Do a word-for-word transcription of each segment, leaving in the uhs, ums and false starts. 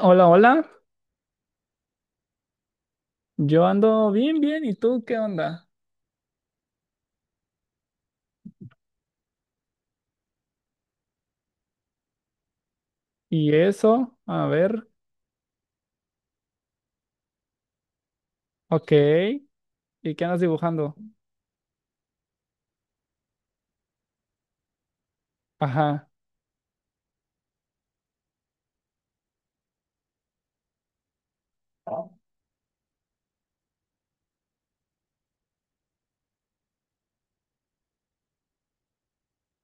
Hola, hola. Yo ando bien, bien. ¿Y tú qué onda? ¿Y eso? A ver. Ok. ¿Y qué andas dibujando? Ajá.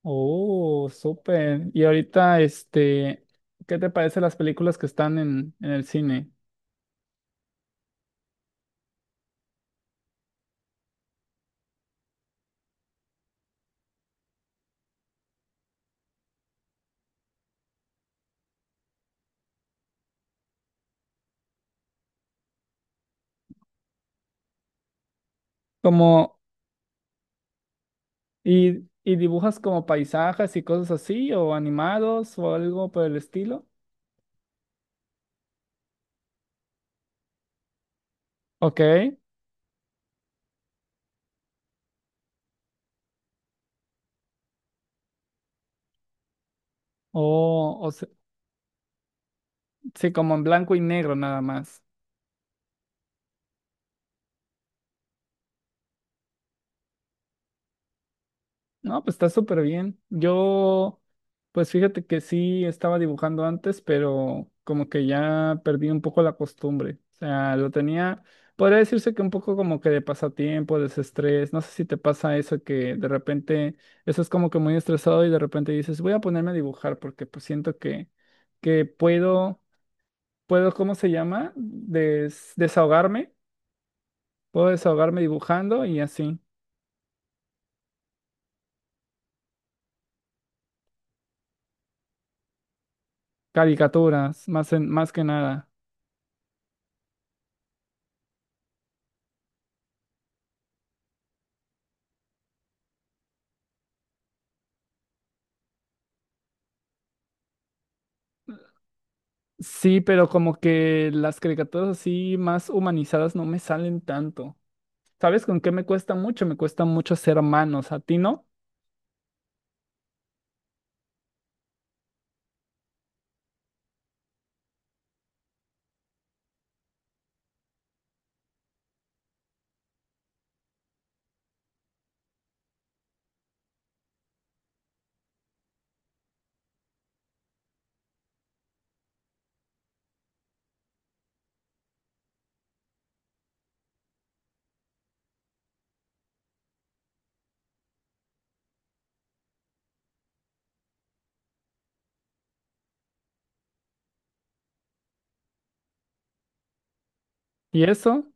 Oh, súper. Y ahorita, este, ¿qué te parecen las películas que están en, en el cine? Como, y, ¿y dibujas como paisajes y cosas así, o animados, o algo por el estilo? Ok. Oh, o se- sí, como en blanco y negro nada más. No, pues está súper bien. Yo, pues fíjate que sí estaba dibujando antes, pero como que ya perdí un poco la costumbre. O sea, lo tenía, podría decirse que un poco como que de pasatiempo, desestrés. No sé si te pasa eso que de repente estás como que muy estresado y de repente dices, voy a ponerme a dibujar porque pues siento que, que puedo, puedo, ¿cómo se llama? Des- desahogarme. Puedo desahogarme dibujando y así. Caricaturas, más, en, más que nada. Sí, pero como que las caricaturas así más humanizadas no me salen tanto. ¿Sabes con qué me cuesta mucho? Me cuesta mucho ser hermanos, ¿a ti no? ¿Y eso?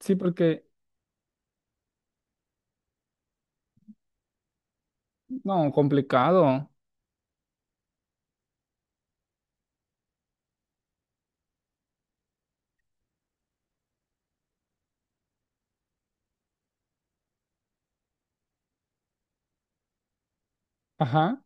Sí, porque, no, complicado. Ajá.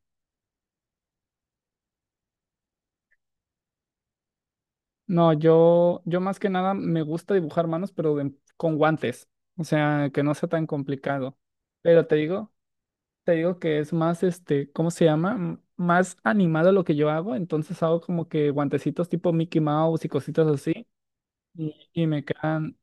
No, yo, yo más que nada me gusta dibujar manos, pero de- con guantes. O sea, que no sea tan complicado. Pero te digo, te digo que es más, este, ¿cómo se llama? M- Más animado lo que yo hago. Entonces hago como que guantecitos tipo Mickey Mouse y cositas así. Y, y me quedan,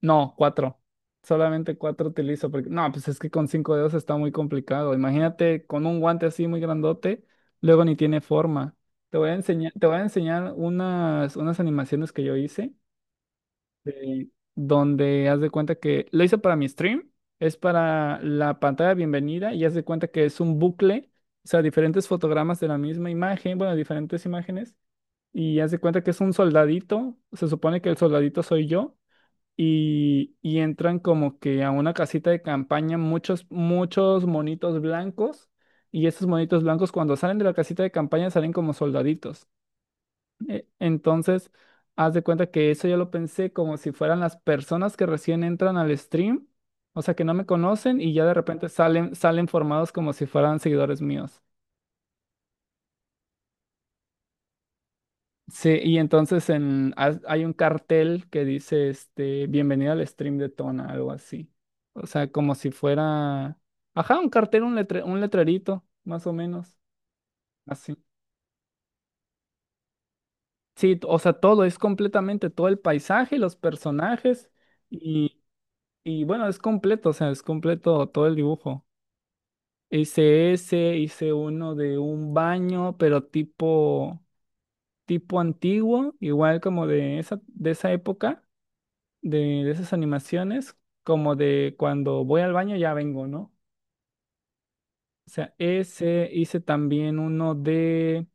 No, cuatro. Solamente cuatro utilizo porque no, pues es que con cinco dedos está muy complicado. Imagínate con un guante así muy grandote, luego ni tiene forma. Te voy a enseñar, te voy a enseñar unas, unas animaciones que yo hice de- donde haz de cuenta que lo hice para mi stream, es para la pantalla de bienvenida y haz de cuenta que es un bucle, o sea, diferentes fotogramas de la misma imagen, bueno, diferentes imágenes y haz de cuenta que es un soldadito, se supone que el soldadito soy yo y, y entran como que a una casita de campaña muchos, muchos monitos blancos y esos monitos blancos cuando salen de la casita de campaña salen como soldaditos. E- Entonces, haz de cuenta que eso yo lo pensé como si fueran las personas que recién entran al stream, o sea, que no me conocen y ya de repente salen, salen formados como si fueran seguidores míos. Sí, y entonces en, ha- hay un cartel que dice, este, bienvenido al stream de Tona, algo así. O sea, como si fuera, ajá, un cartel, un letre- un letrerito, más o menos, así. Sí, t- o sea, todo, es completamente todo el paisaje, los personajes, y, y bueno, es completo, o sea, es completo todo el dibujo. Hice ese, hice uno de un baño, pero tipo, tipo antiguo, igual como de esa, de esa época de, de esas animaciones, como de cuando voy al baño ya vengo, ¿no? O sea, ese hice también uno de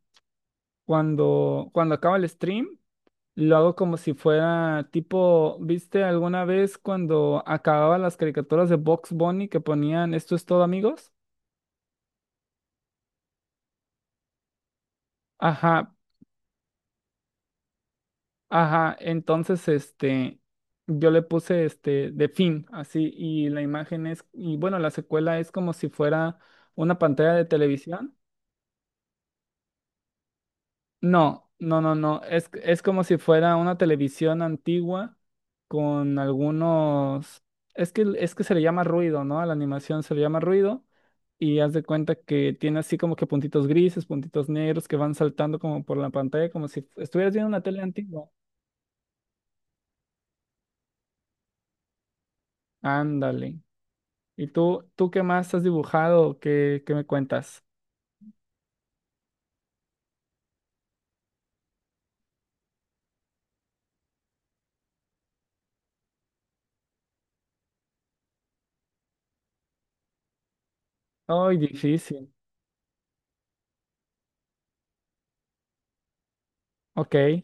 cuando, cuando acaba el stream, lo hago como si fuera tipo, ¿viste alguna vez cuando acababan las caricaturas de Box Bunny que ponían esto es todo, amigos? Ajá, ajá, entonces este, yo le puse este de fin, así, y la imagen es, y bueno, la secuela es como si fuera una pantalla de televisión. No, no, no, no. Es, es como si fuera una televisión antigua con algunos... Es que, es que se le llama ruido, ¿no? A la animación se le llama ruido y haz de cuenta que tiene así como que puntitos grises, puntitos negros que van saltando como por la pantalla, como si estuvieras viendo una tele antigua. Ándale. ¿Y tú, tú qué más has dibujado? ¿Qué, qué me cuentas? Ay, difícil. Ok.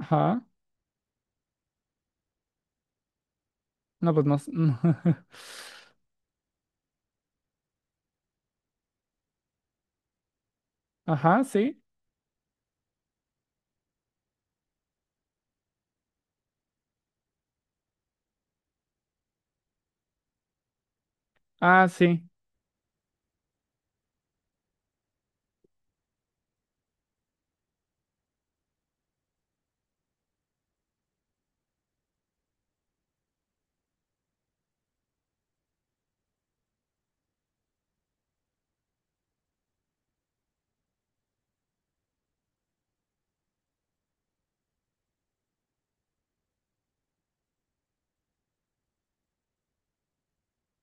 Ajá. No, pues no. s- Ajá, sí. Ah, sí.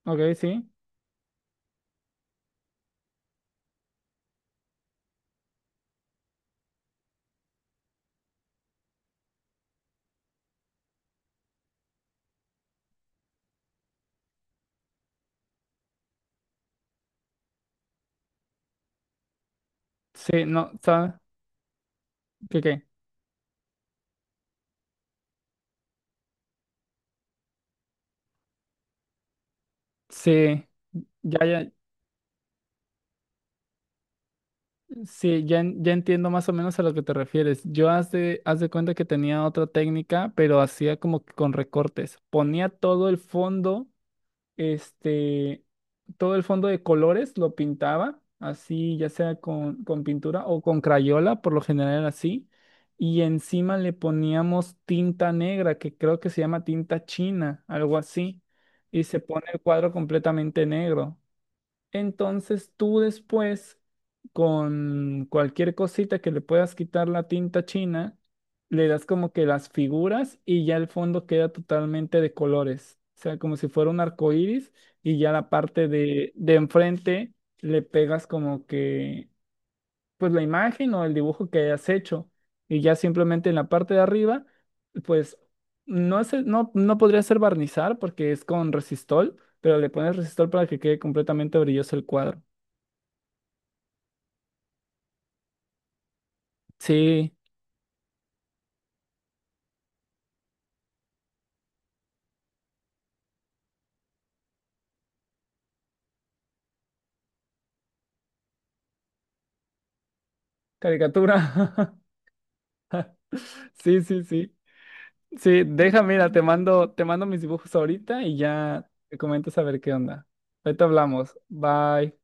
Ok, sí. Sí, no, ¿sabes? ¿Qué qué? Sí, ya, ya, sí, ya, en- ya entiendo más o menos a lo que te refieres. Yo haz de, haz de cuenta que tenía otra técnica, pero hacía como que con recortes. Ponía todo el fondo, este, todo el fondo de colores, lo pintaba, así, ya sea con, con pintura o con crayola, por lo general era así. Y encima le poníamos tinta negra, que creo que se llama tinta china, algo así. Y se pone el cuadro completamente negro. Entonces tú después, con cualquier cosita que le puedas quitar la tinta china, le das como que las figuras y ya el fondo queda totalmente de colores. O sea, como si fuera un arco iris y ya la parte de, de enfrente le pegas como que, pues la imagen o el dibujo que hayas hecho. Y ya simplemente en la parte de arriba, pues no es, el- no, no podría ser barnizar porque es con resistol pero le pones resistol para que quede completamente brilloso el cuadro. Sí, caricatura. Sí, sí, sí. Sí, deja, mira, te mando, te mando mis dibujos ahorita y ya te comento a ver qué onda. Ahorita hablamos. Bye.